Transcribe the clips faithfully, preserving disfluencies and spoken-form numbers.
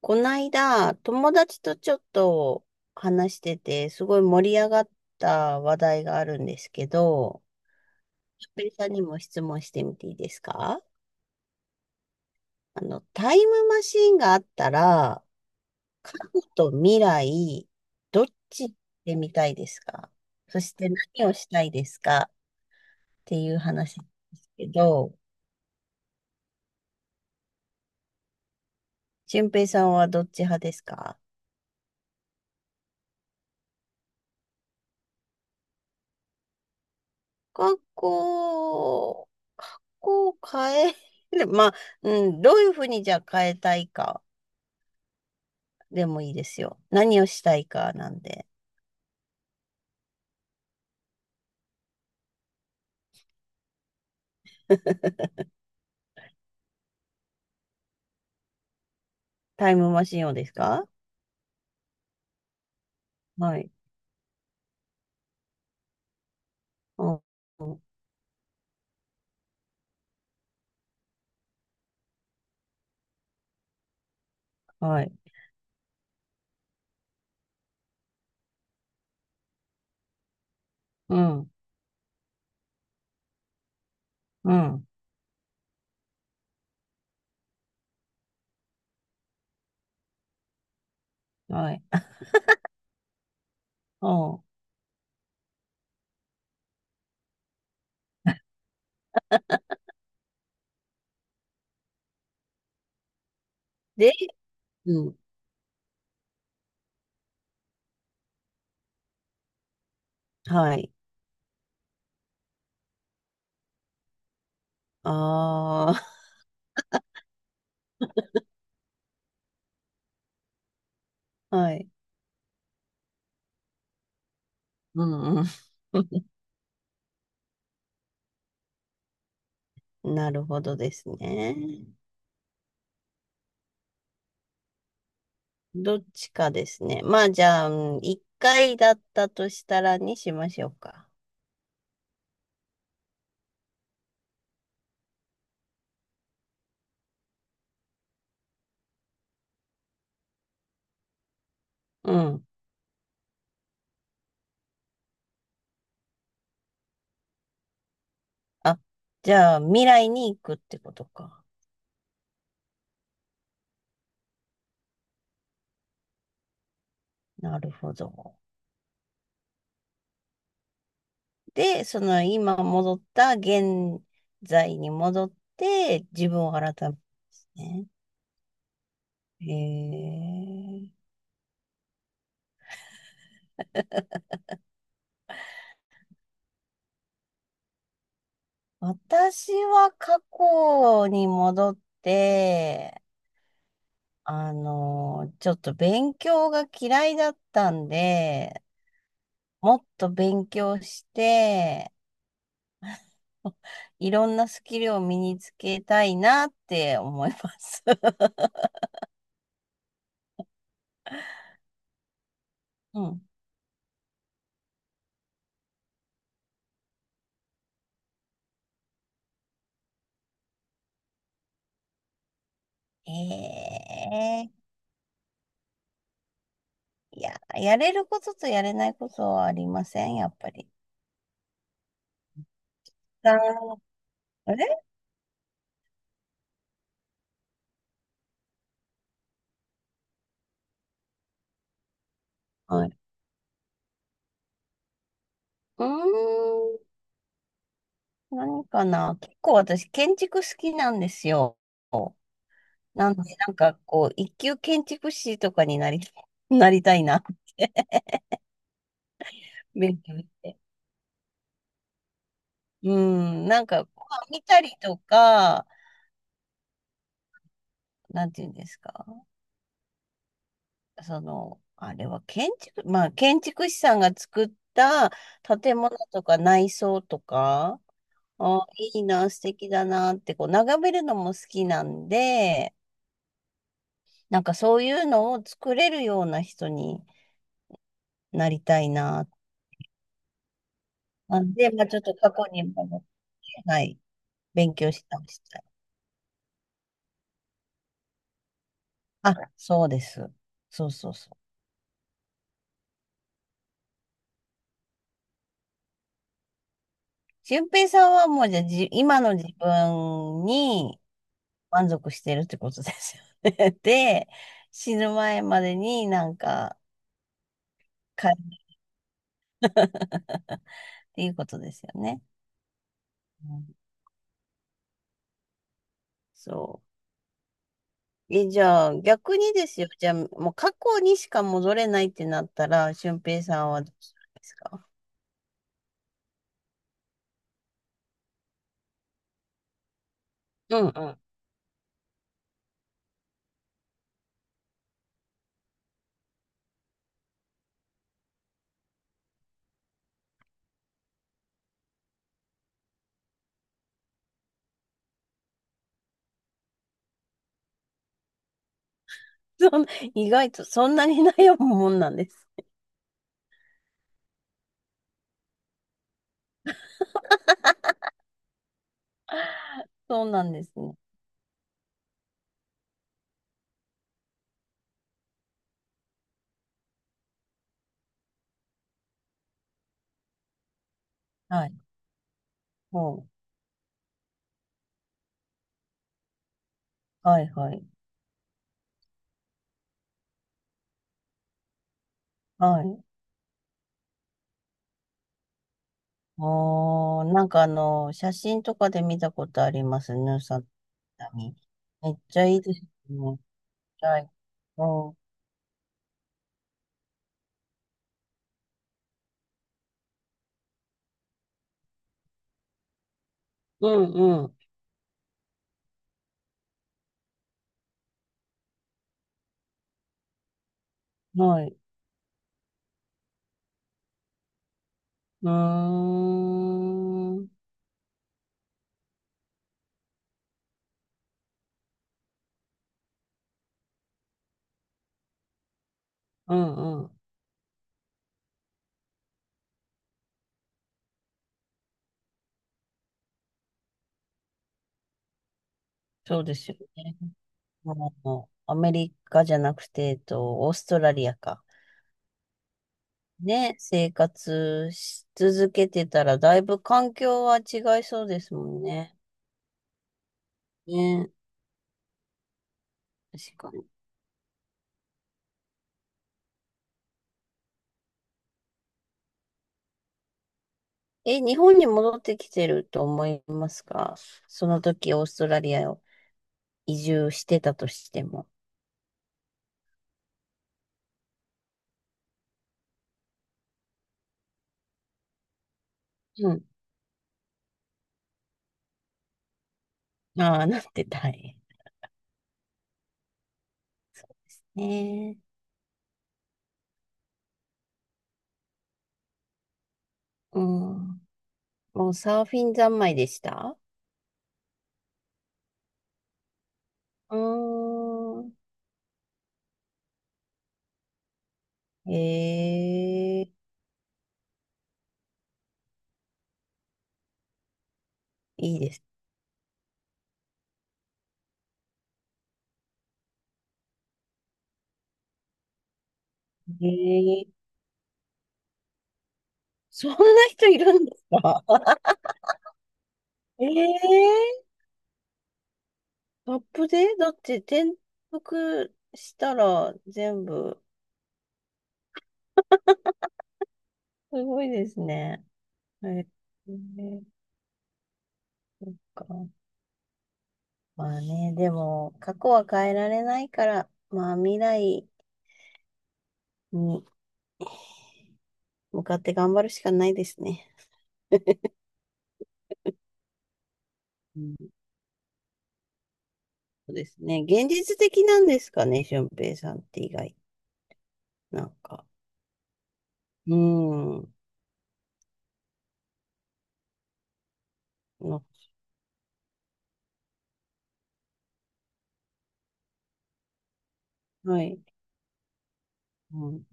こないだ、友達とちょっと話してて、すごい盛り上がった話題があるんですけど、しょっぺいさんにも質問してみていいですか？あの、タイムマシンがあったら、過去と未来、どっち行ってみたいですか？そして何をしたいですかっていう話ですけど、しゅんぺ平さんはどっち派ですか？学校、学校を変える、まあ、うん、どういうふうにじゃあ変えたいかでもいいですよ。何をしたいかなんで。タイムマシンをですか？はい。うん、うん。はい。うん、うん、はい。うん。で、うん、はい。ああ、はい。うん、うん。なるほどですね。どっちかですね。まあ、じゃあ、うん、いっかいだったとしたらにしましょうか。うん。あ、じゃあ未来に行くってことか。なるほど。で、その今戻った現在に戻って自分を改めるんですね。へえ。私は過去に戻って、あの、ちょっと勉強が嫌いだったんで、もっと勉強して、いろんなスキルを身につけたいなって思います。うん。ええ。いや、やれることとやれないことはありません、やっぱり。あー、あれ、はい。うーん、何かな。結構私、建築好きなんですよ。なんで、なんかこう、一級建築士とかになり、なりたいなって、勉強して。うん、なんか、まあ見たりとか、なんていうんですか。その、あれは建築、まあ、建築士さんが作った建物とか内装とか、あ、いいな、素敵だなって、こう、眺めるのも好きなんで、なんかそういうのを作れるような人になりたいな。なんで、まあちょっと過去に戻って、はい、勉強したりしたい。あ、そうです。そうそうそう。俊平さんはもうじゃあ、じ、今の自分に満足してるってことですよね。で、死ぬ前までになんか、か っていうことですよね。うん、そう。え、じゃあ、逆にですよ。じゃあ、もう過去にしか戻れないってなったら、俊平さんはどうするんですか？ うんうん。そん意外とそんなに悩むもんなんです。そうなんですね。はい。ほう。はいはい。はい。あー、なんかあの、写真とかで見たことあります。ヌーさんに。めっちゃいいですね。はい。うんうんうん。はい。うーん。うんうん。そうですよね。もうアメリカじゃなくて、えっと、オーストラリアか。ね、生活し続けてたら、だいぶ環境は違いそうですもんね。ね、確かに。え、日本に戻ってきてると思いますか？その時、オーストラリアを移住してたとしても。うん。ああ、なってたい。ねえ。うん。もうサーフィン三昧でした？うーん。ええ、いいですね。そんな人いるんですか？え えー、アップでだって転覆したら全部、すごいですね。えー、ね、そっか。まあね、でも、過去は変えられないから、まあ未来に向かって頑張るしかないですね。うん、そうですね。現実的なんですかね、俊平さんって意外。なんか。うん。なはい。うん。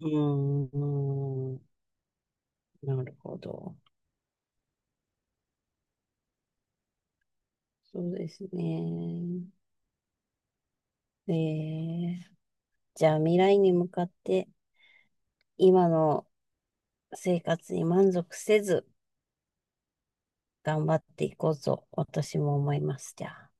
うん。うん、なるほど。そうですね。えー、じゃあ未来に向かって今の生活に満足せず頑張っていこうと私も思います。じゃあ。